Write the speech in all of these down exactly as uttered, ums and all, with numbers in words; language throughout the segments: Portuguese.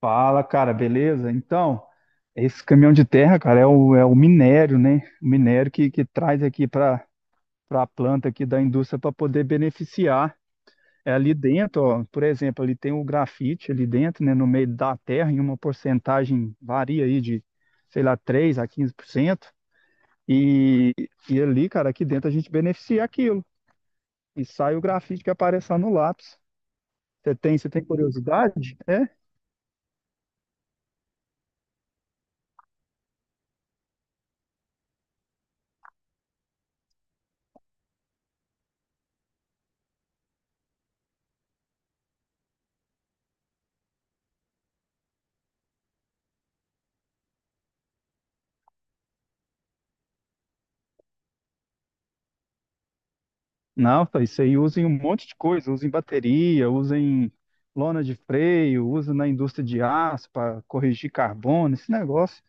Fala, cara, beleza? Então, esse caminhão de terra, cara, é o, é o minério, né? O minério que, que traz aqui para a planta aqui da indústria para poder beneficiar. É ali dentro, ó, por exemplo, ali tem o grafite ali dentro, né, no meio da terra, em uma porcentagem varia aí de, sei lá, três a quinze por cento. E, e ali, cara, aqui dentro a gente beneficia aquilo. E sai o grafite que aparece lá no lápis. Você tem, você tem curiosidade? É, Não, tá, isso aí usa em um monte de coisa, usa em bateria, usa em lona de freio, usa na indústria de aço para corrigir carbono, esse negócio.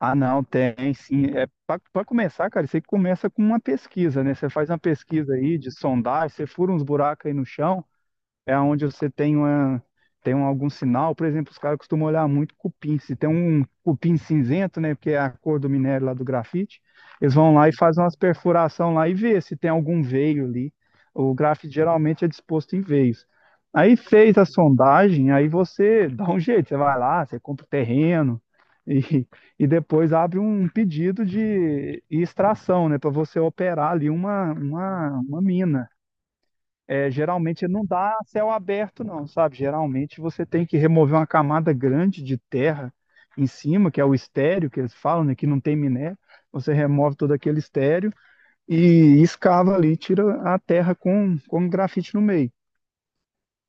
Ah, não, tem sim. É para começar, cara, isso aí começa com uma pesquisa, né? Você faz uma pesquisa aí de sondagem, você fura uns buracos aí no chão, é onde você tem uma, tem um, algum sinal. Por exemplo, os caras costumam olhar muito cupim. Se tem um cupim cinzento, né, que é a cor do minério lá do grafite, eles vão lá e fazem umas perfuração lá e vê se tem algum veio ali. O grafite geralmente é disposto em veios. Aí fez a sondagem, aí você dá um jeito, você vai lá, você compra o terreno e, e depois abre um pedido de extração, né, para você operar ali uma, uma, uma mina. É, geralmente não dá céu aberto, não, sabe? Geralmente você tem que remover uma camada grande de terra em cima, que é o estéreo que eles falam, né, que não tem minério. Você remove todo aquele estéreo e escava ali, tira a terra com, com grafite no meio.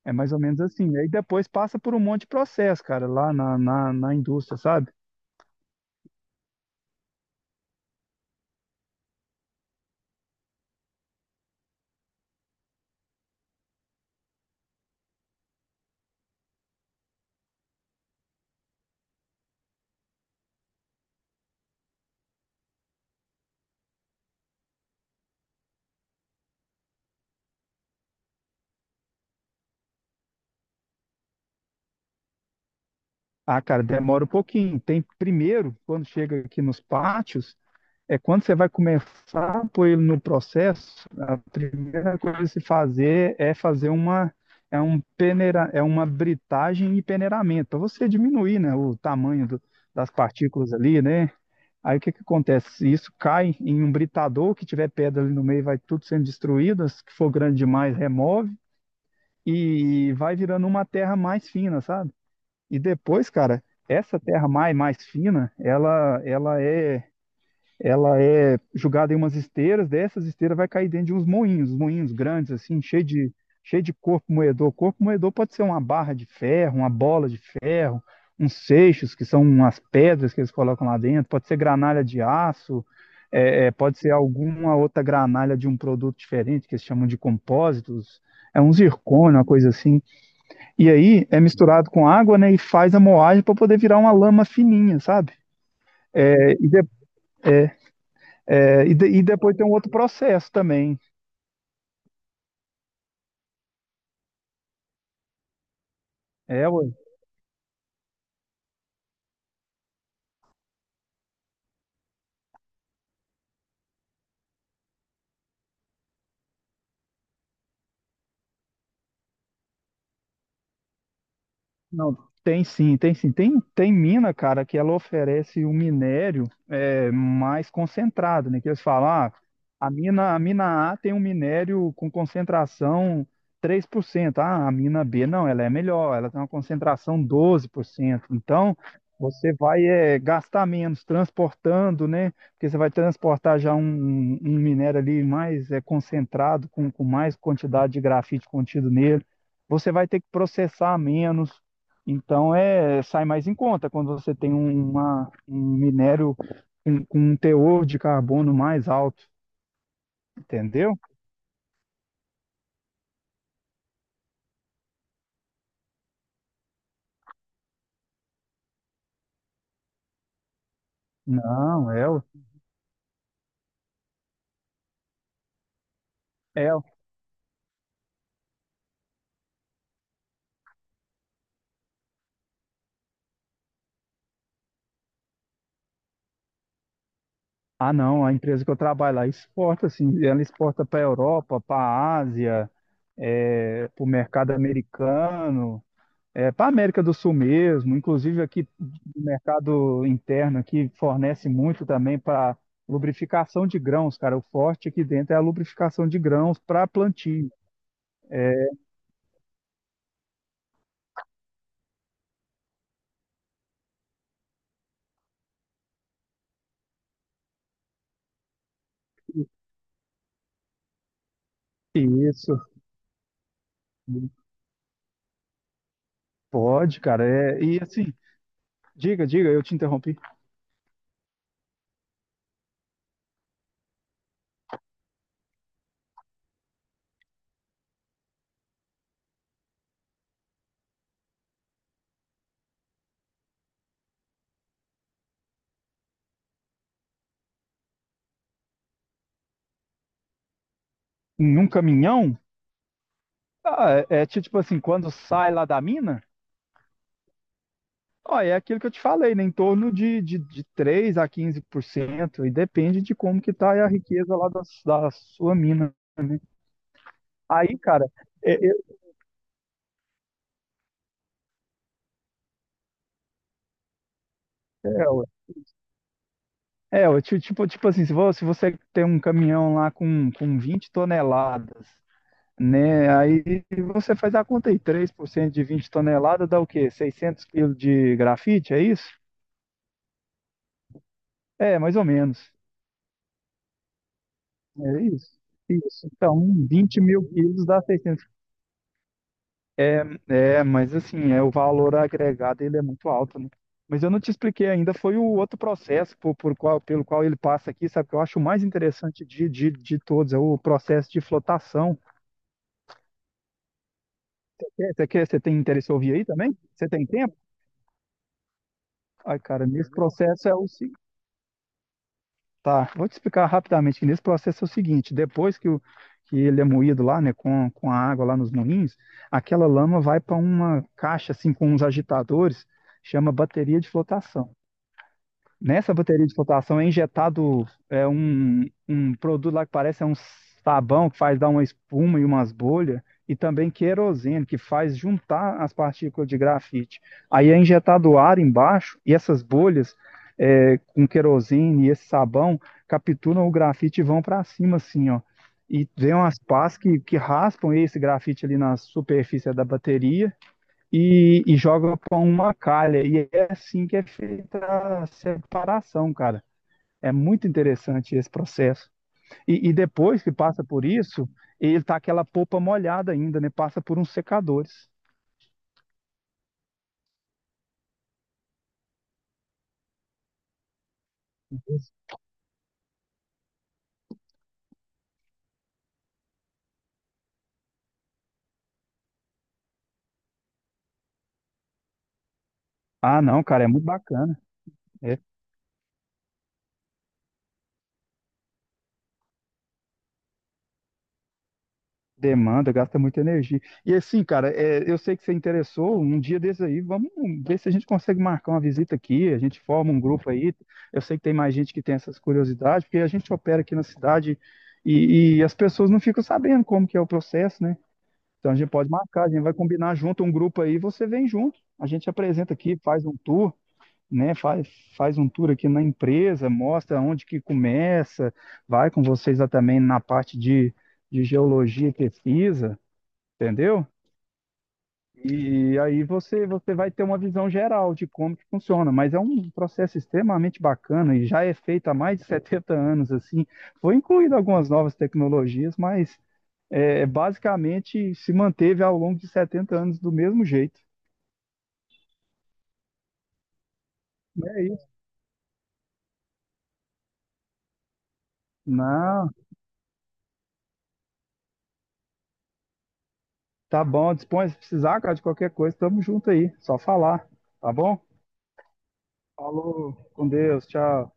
É mais ou menos assim. Aí depois passa por um monte de processo, cara, lá na, na, na indústria, sabe? Ah, cara, demora um pouquinho. Tem primeiro, quando chega aqui nos pátios, é quando você vai começar a pôr ele no processo. A primeira coisa a se fazer é fazer uma é um peneira, é uma britagem e peneiramento, para você diminuir, né, o tamanho do- das partículas ali, né? Aí o que que acontece? Isso cai em um britador, que tiver pedra ali no meio, vai tudo sendo destruído, as que for grande demais, remove e vai virando uma terra mais fina, sabe? E depois, cara, essa terra mais mais fina, ela ela é ela é jogada em umas esteiras. Dessas esteiras vai cair dentro de uns moinhos, moinhos grandes, assim, cheio de, cheio de corpo moedor. Corpo moedor pode ser uma barra de ferro, uma bola de ferro, uns seixos, que são umas pedras que eles colocam lá dentro, pode ser granalha de aço, é, é, pode ser alguma outra granalha de um produto diferente, que eles chamam de compósitos, é um zircônio, uma coisa assim. E aí é misturado com água, né, e faz a moagem para poder virar uma lama fininha, sabe? É, e de- é, e, de- e depois tem um outro processo também. É, Não, tem sim, tem sim. Tem, tem mina, cara, que ela oferece um minério é, mais concentrado, né? Que eles falam, ah, a mina, a mina A tem um minério com concentração três por cento. Ah, a mina B não, ela é melhor, ela tem uma concentração doze por cento. Então, você vai é, gastar menos transportando, né? Porque você vai transportar já um, um um minério ali mais é, concentrado, com, com mais quantidade de grafite contido nele. Você vai ter que processar menos. Então é, sai mais em conta quando você tem um- uma, um minério com, com um teor de carbono mais alto, entendeu? Não. é, o- é. o- Ah, não, a empresa que eu trabalho lá exporta, assim, ela exporta para a Europa, para a Ásia, para o mercado americano, é, para a América do Sul mesmo. Inclusive aqui o mercado interno aqui fornece muito também para lubrificação de grãos, cara. O forte aqui dentro é a lubrificação de grãos para plantio. Isso, pode, cara. É, e assim, diga, diga, eu te interrompi. Num caminhão, ah, é, é ti- tipo assim, quando sai lá da mina, ó, é aquilo que eu te falei, né? Em torno de, de, de três a quinze por cento, e depende de como que tá a riqueza lá da, da sua mina. Aí, cara, é, é, é, ué. é, ué, ti- tipo, tipo assim, se vo- se você tem um caminhão lá com, com vinte toneladas, né? Aí você faz a conta aí, três por cento de vinte toneladas dá o quê? Seiscentos quilos de grafite, é isso? É, mais ou menos. É isso. Isso. Então, vinte mil quilos dá seiscentos. É, mas assim, é, o valor agregado ele é muito alto, né? Mas eu não te expliquei ainda, foi o outro processo por, por qual, pelo qual ele passa aqui, sabe? Que eu acho o mais interessante de, de, de todos, é o processo de flotação. Quer- Você, quer, você tem interesse em ouvir aí também? Você tem tempo? Ai, cara, nesse processo é o, Tá, vou te explicar rapidamente que nesse processo é o seguinte: depois que, o, que ele é moído lá, né, com, com a água lá nos moinhos, aquela lama vai para uma caixa assim com uns agitadores, chama bateria de flotação. Nessa bateria de flotação é injetado é, um, um produto lá que parece é um sabão, que faz dar uma espuma e umas bolhas, e também querosene, que faz juntar as partículas de grafite. Aí é injetado ar embaixo e essas bolhas, é, com querosene e esse sabão, capturam o grafite e vão para cima assim, ó. E vem umas pás que, que raspam esse grafite ali na superfície da bateria e, e joga com uma calha. E é assim que é feita a separação, cara. É muito interessante esse processo. E, e depois que passa por isso, ele tá aquela polpa molhada ainda, né? Passa por uns secadores. Ah, não, cara, é muito bacana. É. Demanda, gasta muita energia. E assim, cara, é, eu sei que você interessou. Um dia desses aí, vamos ver se a gente consegue marcar uma visita aqui, a gente forma um grupo aí. Eu sei que tem mais gente que tem essas curiosidades, porque a gente opera aqui na cidade e, e as pessoas não ficam sabendo como que é o processo, né? Então a gente pode marcar, a gente vai combinar junto um grupo aí, você vem junto, a gente apresenta aqui, faz um tour, né? Faz, faz um tour aqui na empresa, mostra onde que começa, vai com vocês lá também na parte de de geologia e pesquisa, entendeu? E aí você, você vai ter uma visão geral de como que funciona, mas é um processo extremamente bacana e já é feito há mais de setenta anos assim. Foi incluído algumas novas tecnologias, mas é, basicamente se manteve ao longo de setenta anos do mesmo jeito. É isso. Não, tá bom, dispõe, se precisar, cara, de qualquer coisa, tamo junto aí, só falar, tá bom? Falou, com Deus, tchau.